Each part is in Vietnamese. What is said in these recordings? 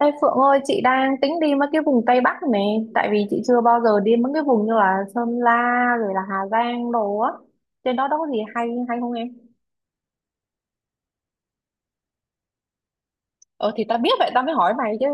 Ê Phượng ơi, chị đang tính đi mấy cái vùng Tây Bắc này, tại vì chị chưa bao giờ đi mấy cái vùng như là Sơn La rồi là Hà Giang đồ á. Trên đó đâu có gì hay hay không em? Ờ thì tao biết vậy tao mới hỏi mày chứ.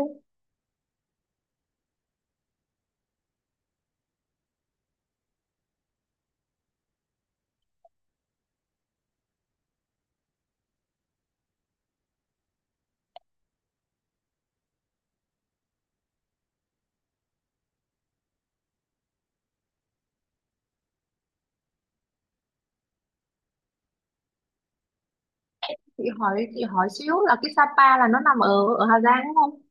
Chị hỏi xíu là cái Sapa là nó nằm ở ở Hà Giang đúng không?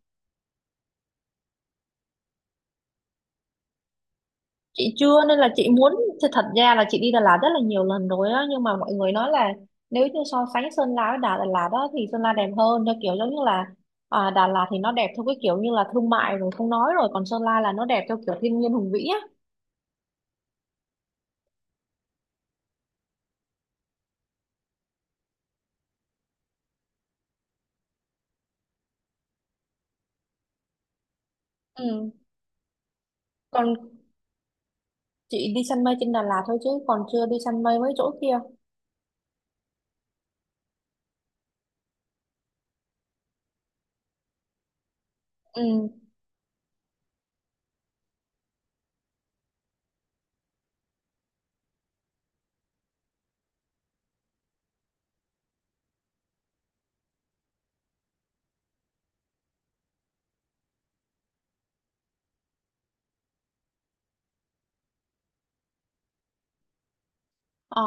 Chị chưa nên là chị muốn thật thật ra là chị đi Đà Lạt rất là nhiều lần rồi á, nhưng mà mọi người nói là nếu như so sánh Sơn La với Đà Đà Lạt đó thì Sơn La đẹp hơn, theo kiểu giống như là à, Đà Lạt thì nó đẹp theo cái kiểu như là thương mại rồi không nói rồi, còn Sơn La là nó đẹp theo kiểu thiên nhiên hùng vĩ á. Ừ. Còn chị đi săn mây trên Đà Lạt thôi chứ còn chưa đi săn mây mấy chỗ kia. Ừ. Ờ,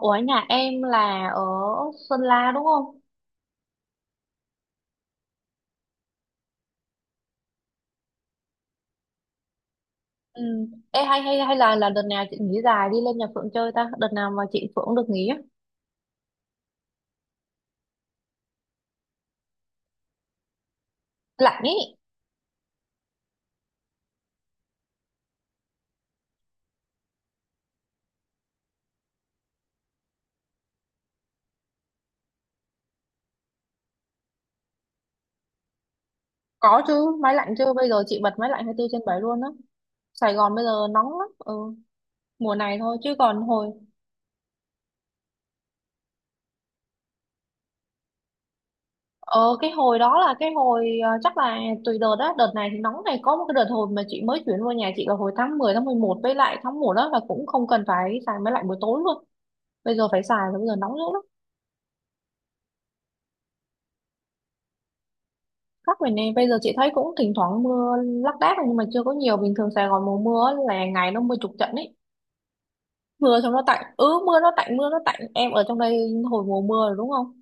ủa nhà em là ở Sơn La đúng không? Ừ. Ê, hay hay hay là đợt nào chị nghỉ dài đi lên nhà Phượng chơi ta? Đợt nào mà chị Phượng được nghỉ á? Lạnh ý. Có chứ, máy lạnh chứ. Bây giờ chị bật máy lạnh 24 trên bảy luôn á. Sài Gòn bây giờ nóng lắm. Ừ. Mùa này thôi chứ còn hồi ờ cái hồi đó là cái hồi chắc là tùy đợt đó. Đợt này thì nóng này, có một cái đợt hồi mà chị mới chuyển vào nhà chị là hồi tháng 10 tháng 11 với lại tháng 1 đó là cũng không cần phải xài máy lạnh buổi tối luôn, bây giờ phải xài rồi, bây giờ nóng dữ lắm. Các miền này bây giờ chị thấy cũng thỉnh thoảng mưa lác đác nhưng mà chưa có nhiều. Bình thường Sài Gòn mùa mưa á là ngày nó mưa chục trận ấy, mưa xong nó tạnh, ừ mưa nó tạnh, mưa nó tạnh. Em ở trong đây hồi mùa mưa rồi đúng không?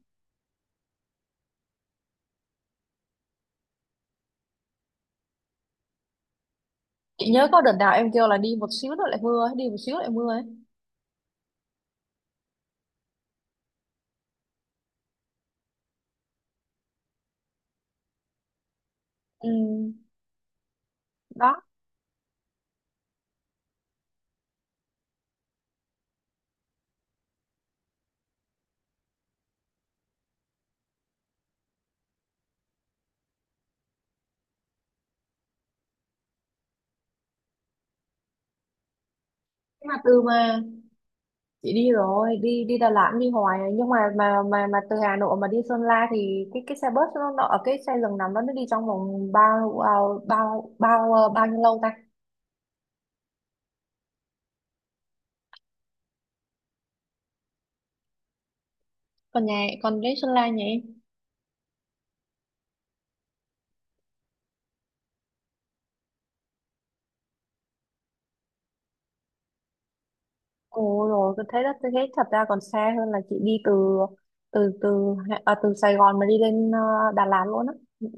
Chị nhớ có đợt nào em kêu là đi một xíu nữa lại mưa ấy, đi một xíu lại mưa ấy. Ừ, đó. Thế mà từ mà chị đi rồi đi đi Đà Lạt đi hoài rồi, nhưng mà từ Hà Nội mà đi Sơn La thì cái xe bus nó ở cái xe giường nằm đó, nó đi trong vòng bao bao bao bao à, bao nhiêu lâu ta? Còn nhà, còn đến Sơn La nhỉ? Ồ rồi, tôi thấy đó, tôi thấy thật ra còn xa hơn là chị đi từ từ từ từ Sài Gòn mà đi lên Đà Lạt luôn á.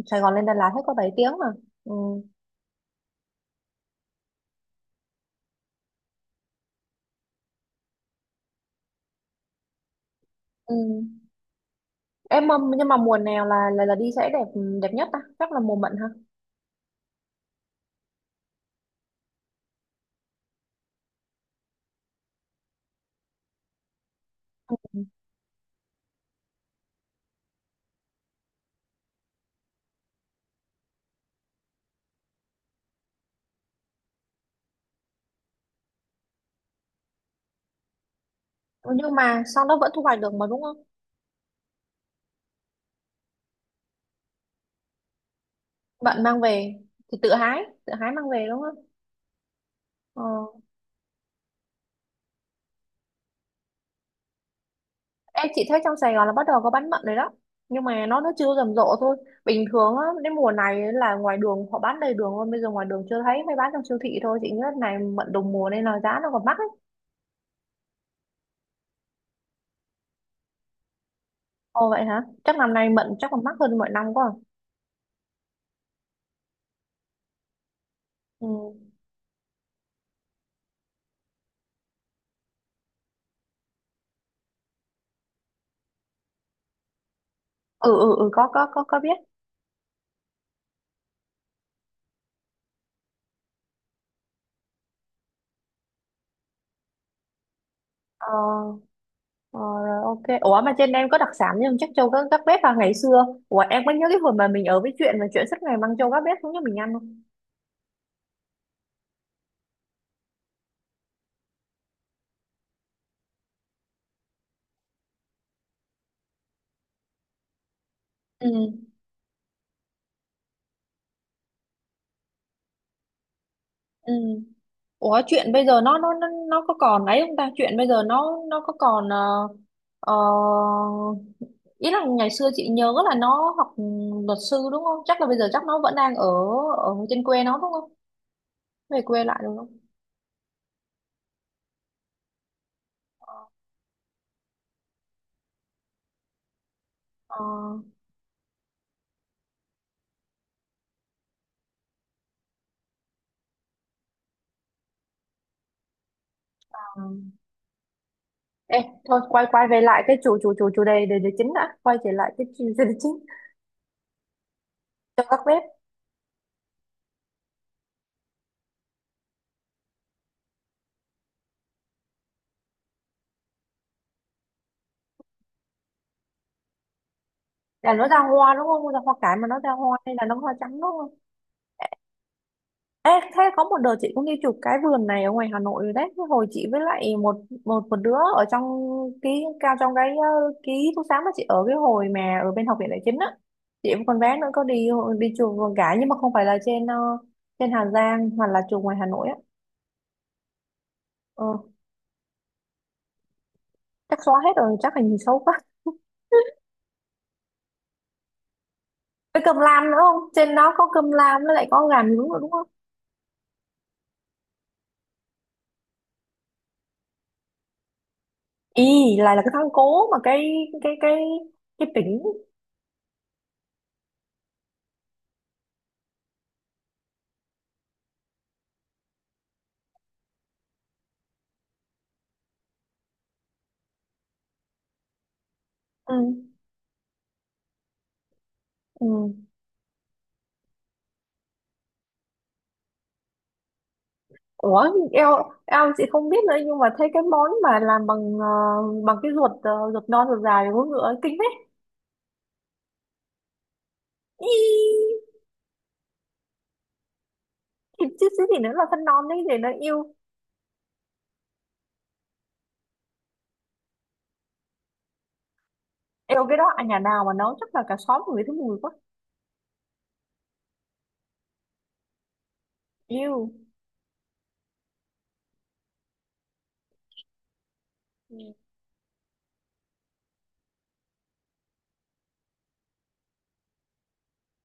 Sài Gòn lên Đà Lạt hết có 7 tiếng mà. Ừ. Ừ. Nhưng mà mùa nào là đi sẽ đẹp, đẹp nhất ta? Chắc là mùa mận ha. Ừ, nhưng mà sau đó vẫn thu hoạch được mà đúng không? Bạn mang về thì tự hái mang về đúng không? Ờ. Em, chị thấy trong Sài Gòn là bắt đầu có bán mận rồi đó, nhưng mà nó chưa rầm rộ thôi. Bình thường á đến mùa này là ngoài đường họ bán đầy đường luôn, bây giờ ngoài đường chưa thấy, mới bán trong siêu thị thôi. Chị nghĩ này mận đồng mùa nên là giá nó còn mắc ấy. Ồ vậy hả? Chắc năm nay mận chắc còn mắc hơn mọi năm quá à? Ừ. Ừ có có biết. ờ, ờ Rồi ok, ủa mà trên em có đặc sản nhưng chắc châu các bếp vào ngày xưa, ủa em có nhớ cái hồi mà mình ở với chuyện mà chuyện suốt ngày mang châu các bếp xuống cho mình ăn không? Ừ. Ừ. Ủa chuyện bây giờ nó có còn ấy không ta? Chuyện bây giờ nó có còn ờ, ý là ngày xưa chị nhớ là nó học luật sư đúng không? Chắc là bây giờ chắc nó vẫn đang ở ở trên quê nó đúng không? Về quê lại đúng không? Ờ, ờ. ờ. Ê, thôi quay quay về lại cái chủ chủ chủ chủ đề đề chính đã, quay trở lại cái chủ đề chính cho các bếp. Là nó ra hoa đúng không? Ra hoa cải mà nó ra hoa hay là nó hoa trắng đúng? Ê, thế có một đợt chị cũng đi chụp cái vườn này ở ngoài Hà Nội rồi đấy. Cái hồi chị với lại một một một đứa ở trong ký cao, trong cái ký túc xá mà chị ở cái hồi mà ở bên học viện đại chính á. Chị với con bé nữa có đi đi chụp vườn cả, nhưng mà không phải là trên trên Hà Giang, hoặc là chụp ngoài Hà Nội á. Ờ, chắc xóa hết rồi, chắc hình xấu quá. Với cơm lam nữa không? Trên đó có cơm lam với lại có gà nướng nữa đúng không? Ý, lại là cái thang cố mà cái cái cái tỉnh. Ừ. Ừ. Ủa, eo eo, chị không biết nữa nhưng mà thấy cái món mà làm bằng bằng cái ruột ruột non ruột dài của ngựa ấy, kinh đấy. Ý, thịt chứ chứ gì nữa là phân non đấy để nó yêu. Yêu cái đó à, nhà nào mà nấu chắc là cả xóm người thấy mùi quá. Yêu. Ừ.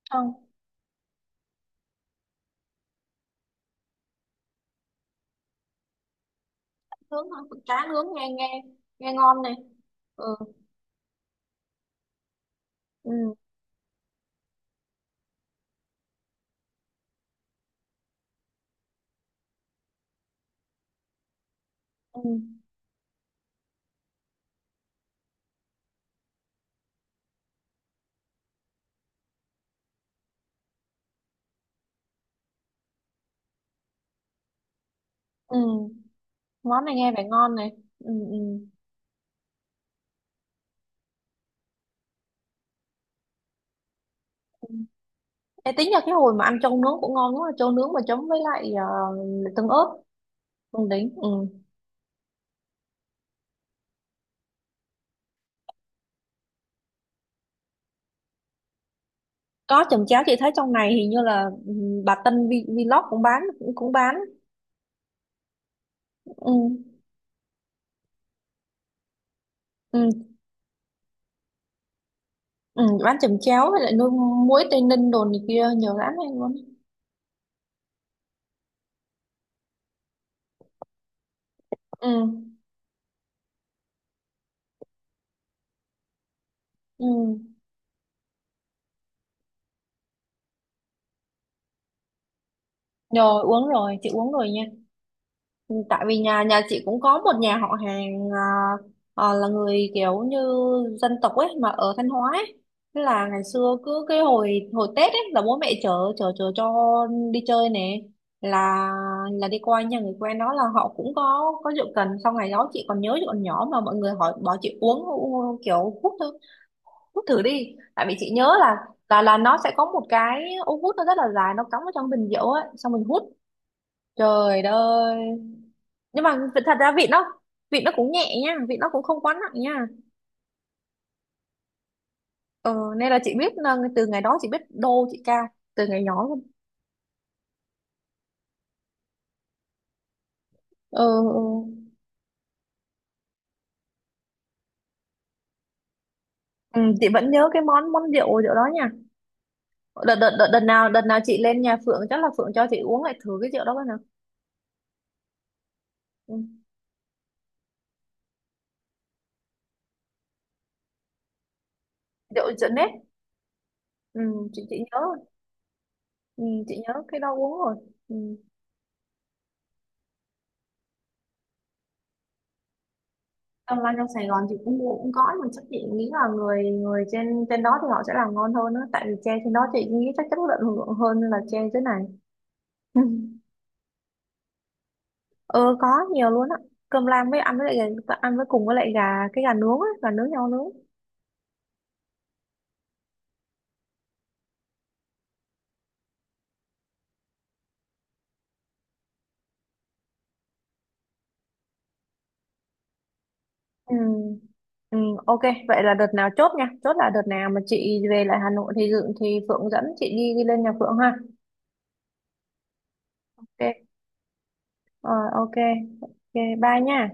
Không, nướng thôi, cá nướng nghe nghe nghe ngon này. Ừ. Ừ. Ừ. Ừ. Món này nghe vẻ ngon này. Ừ ừ. Ê, tính ra cái hồi mà ăn trâu nướng cũng ngon quá, trâu nướng mà chấm với lại tương ớt. Không đính. Ừ. Có chồng chéo, chị thấy trong này hình như là ừ, bà Vlog cũng bán, cũng bán. ừ, ừ, ừ, bán chồng chéo với lại nuôi muối Tây Ninh đồ này kia nhiều lắm em luôn. ừ, ừ. Rồi uống rồi, chị uống rồi nha, tại vì nhà nhà chị cũng có một nhà họ hàng à, à, là người kiểu như dân tộc ấy mà ở Thanh Hóa ấy. Thế là ngày xưa cứ cái hồi hồi Tết ấy là bố mẹ chở chở chở cho đi chơi nè, là là đi qua nhà người quen đó là họ cũng có rượu cần. Sau ngày đó chị còn nhớ, chị còn nhỏ mà mọi người hỏi bảo chị kiểu hút thử đi, tại vì chị nhớ là nó sẽ có một cái ống hút nó rất là dài, nó cắm vào trong bình rượu ấy xong mình hút. Trời đất ơi, nhưng mà thật ra vịt nó, vịt nó cũng nhẹ nha, vịt nó cũng không quá nặng nha. Ờ, nên là chị biết là từ ngày đó chị biết đô chị ca từ ngày nhỏ luôn. ờ, ờ. Ừ, chị vẫn nhớ cái món món rượu rượu đó nha. Đợt nào chị lên nhà Phượng chắc là Phượng cho chị uống lại thử cái rượu đó coi nào. Ừ. rượu Rượu nếp. Ừ, chị nhớ rồi. Ừ, chị nhớ cái đó uống rồi. Ừ. Trong lan trong Sài Gòn chị cũng có, nhưng chắc chị nghĩ là người người trên trên đó thì họ sẽ làm ngon hơn á, tại vì tre trên đó chị nghĩ chắc chất lượng hơn là tre dưới này. Ờ có, nhiều luôn á. Cơm lam với ăn với lại ăn với cùng với lại gà, cái gà nướng á, gà nướng nhau nướng. Ừ. Ừ, ok, vậy là đợt nào chốt nha. Chốt là đợt nào mà chị về lại Hà Nội thì dự thì Phượng dẫn chị đi đi lên nhà Phượng ha. Ok. Ờ ok. Ok, bye nha.